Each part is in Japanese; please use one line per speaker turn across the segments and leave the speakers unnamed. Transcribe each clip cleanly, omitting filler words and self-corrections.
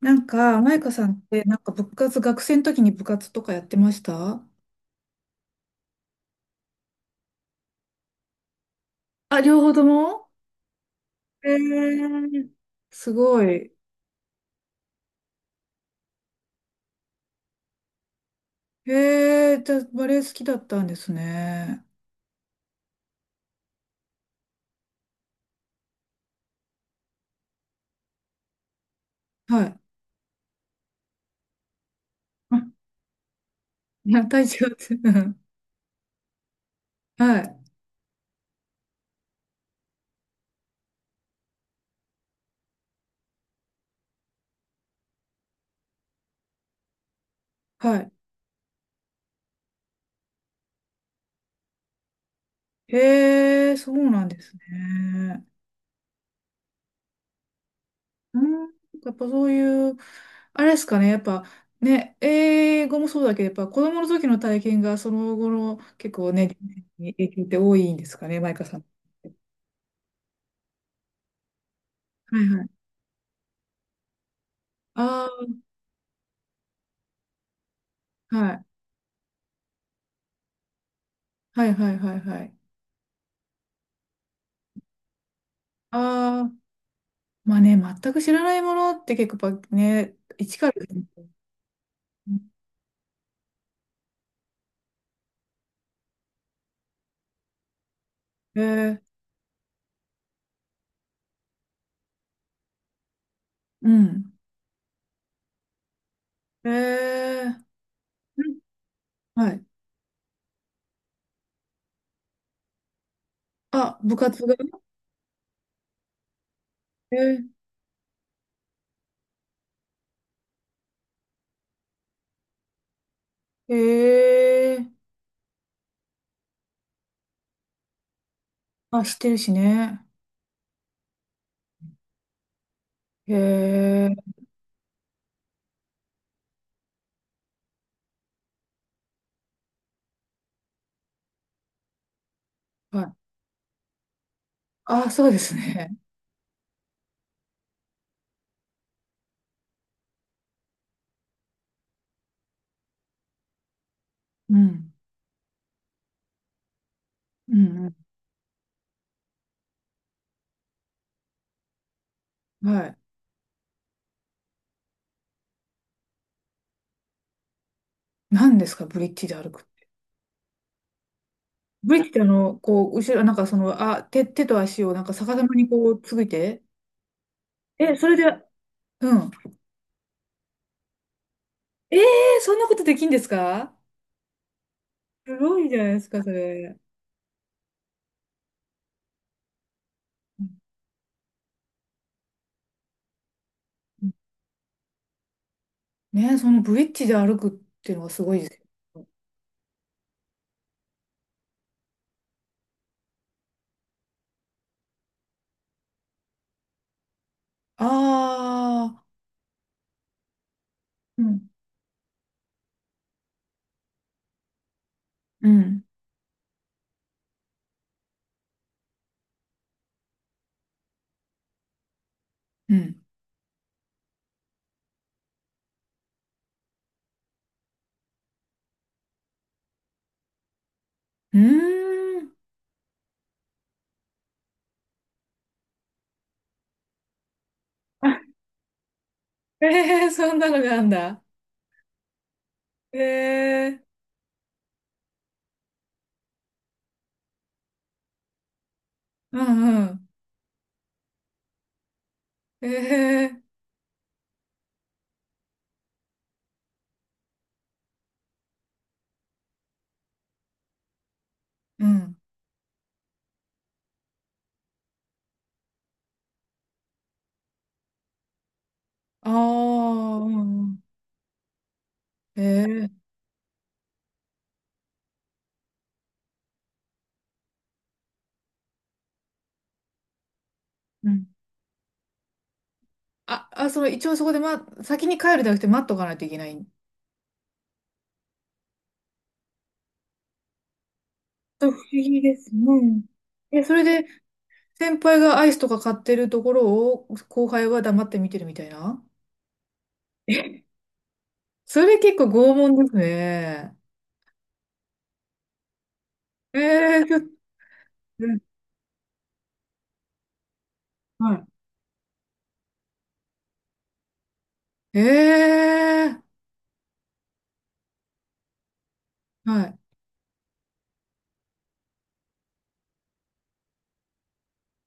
マイカさんって、部活、学生の時に部活とかやってました。あ、両方とも。えー、すごい。えー、じゃあ、バレエ好きだったんですね。はい。あ、いや、体調って、うん。はい、はい。えー、そうなんですね。うん、やっぱそういう、あれですかね、やっぱ、ね、英語もそうだけど、やっぱ子供の時の体験がその後の結構ね、影響って多いんですかね、マイカさん。はい。ああ、はい。はいはいはいはい。ああ、まあね、全く知らないものって結構やっぱね、一からですね。えー、うん。えー、うん。はい。あ、部活が。えー、えー、あ、知ってるしね。えー、はい。あ、そうですね。うん。うんうん。はい。何ですか、ブリッジで歩く。ブリッジってこう、後ろ、あ、手、足を逆さまにこう、ついて。え、それで、うん。ええー、そんなことできんですか。すごいじゃないですか、それ。うんうん、ね、そのブリッジで歩くっていうのがすごいですよ。ああ、うん、うん、うん。うーん。あ、え、えそんなのがあんだ。ええ、うんうん。ええ、うん。ああ、うんうん。ええ、うん。あ、あ、その、一応そこで、ま、先に帰るじゃなくて待っとかないといけない。不思議です。うん。え、それで、先輩がアイスとか買ってるところを後輩は黙って見てるみたいな。え、 それ結構拷問ですね。え、えちょっと、うん、はい。ええ、はい、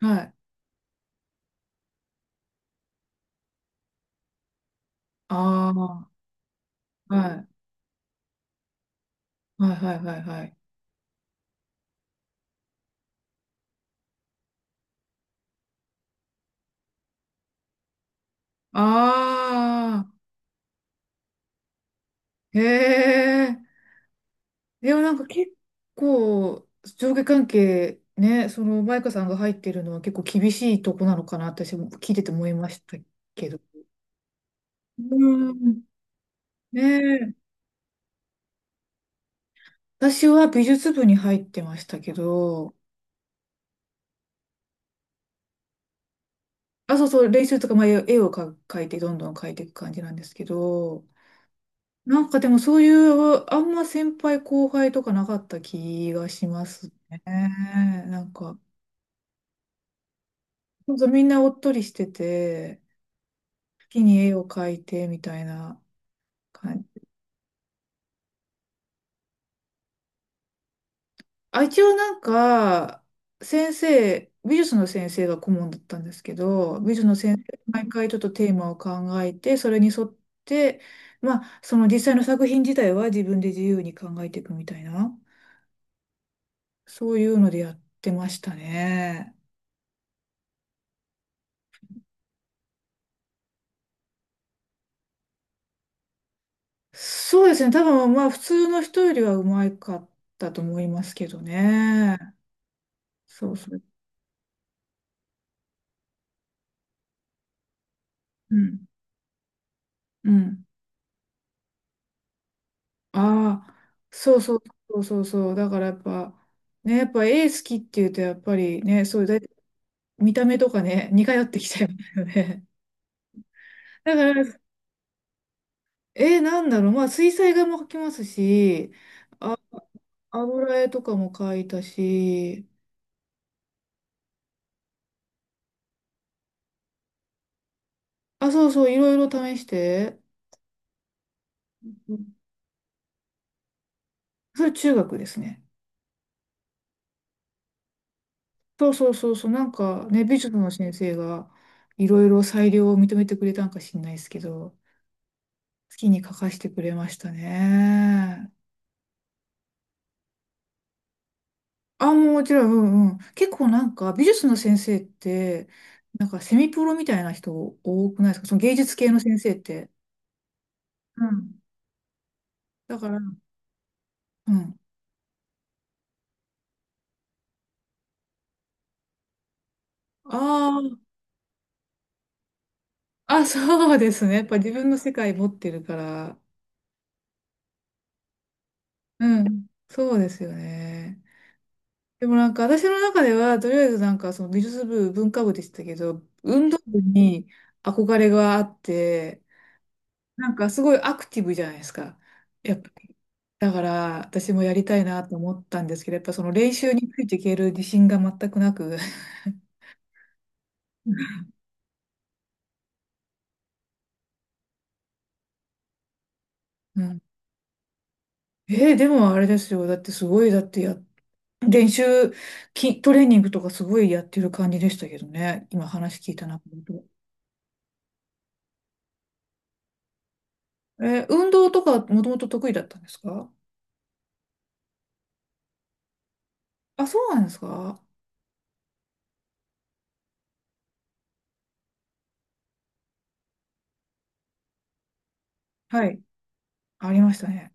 はい。ああ、はい、はい、はい、はい、はい。ああ、え、えでもなんか結構、上下関係、ね、その、マイカさんが入ってるのは結構厳しいとこなのかな、私も聞いてて思いましたけど。うん。ね。え、私は美術部に入ってましたけど、あ、そうそう、練習とか、まあ、絵をか描いて、どんどん描いていく感じなんですけど、でもそういう、あんま先輩後輩とかなかった気がしますね。なんか、そうそうみんなおっとりしてて、好きに絵を描いてみたいな感じ。あ、一応先生、美術の先生が顧問だったんですけど、美術の先生、毎回ちょっとテーマを考えて、それに沿って、まあ、その実際の作品自体は自分で自由に考えていくみたいな、そういうのでやってましたね。そうですね、多分まあ、普通の人よりはうまかったと思いますけどね。そうそう。うん。うん。ああ、そうそうそうそう。だからやっぱ、ね、やっぱ絵好きっていうと、やっぱりね、そういうだい見た目とかね、似通ってきちゃいますよね。だから、え、なんだろう、まあ、水彩画も描きますし、あ、油絵とかも描いたし、あ、そうそう、いろいろ試して、うん。それ中学ですね。そうそうそうそう、なんかね、美術の先生がいろいろ裁量を認めてくれたんかしんないですけど、好きに描かしてくれましたね。あ、もちろん、うんうん。結構美術の先生って、セミプロみたいな人多くないですかその芸術系の先生って。うん。だから、うん。ああ、あ、そうですね。やっぱ自分の世界持ってるから。うん。そうですよね。でも私の中では、とりあえずその美術部、文化部でしたけど、運動部に憧れがあって、すごいアクティブじゃないですか。やっぱり。だから私もやりたいなと思ったんですけど、やっぱその練習についていける自信が全くなく。うん。えー、でもあれですよ。だってすごい、だってや、練習、きトレーニングとかすごいやってる感じでしたけどね。今話聞いたなと思うと。えー、運動とかもともと得意だったんですか。あ、そうなんですか。はい。ありましたね。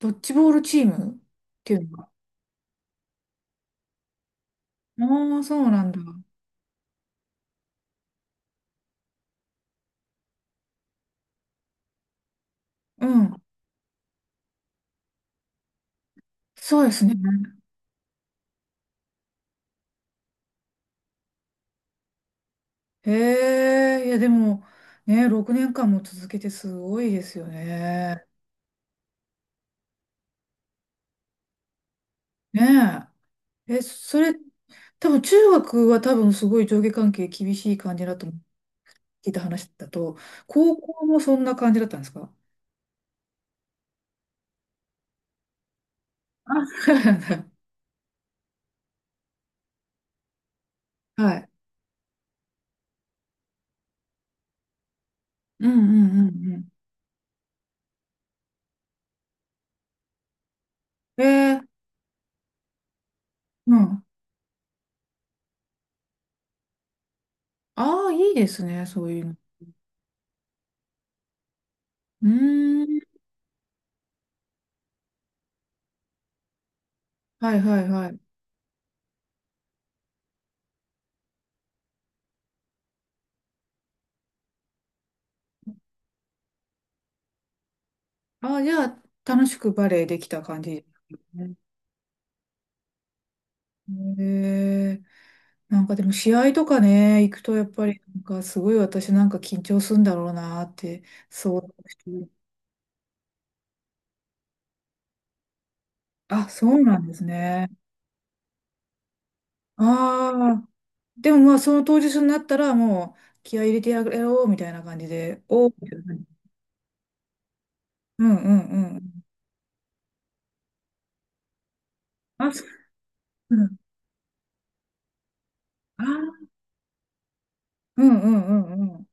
ドッジボールチームっていうのが。ああ、そうなんだ。うん。そうですね。へえ、いやでも、ね、6年間も続けてすごいですよね。ね。え、え、それ、多分中学は多分すごい上下関係厳しい感じだと聞いた話だと、高校もそんな感じだったんですか。あ、そうなんだ。はい。うんうんうんうん。えー、うん。ああ、いいですね、そういうの。うーん。はいはいはい。ああ、じゃあ、楽しくバレエできた感じ。えー、でも試合とかね、行くとやっぱりすごい私なんか緊張するんだろうなって想像して。あ、そうなんですね。ああ、でもまあその当日になったらもう気合い入れてやろうみたいな感じで、おーみたいな感じ。うんうんうん。あ、そう。うん。あー、うんうんうんうん。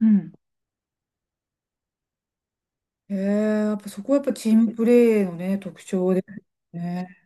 うん。えー、やっぱそこはやっぱチームプレーのね、特徴ですね。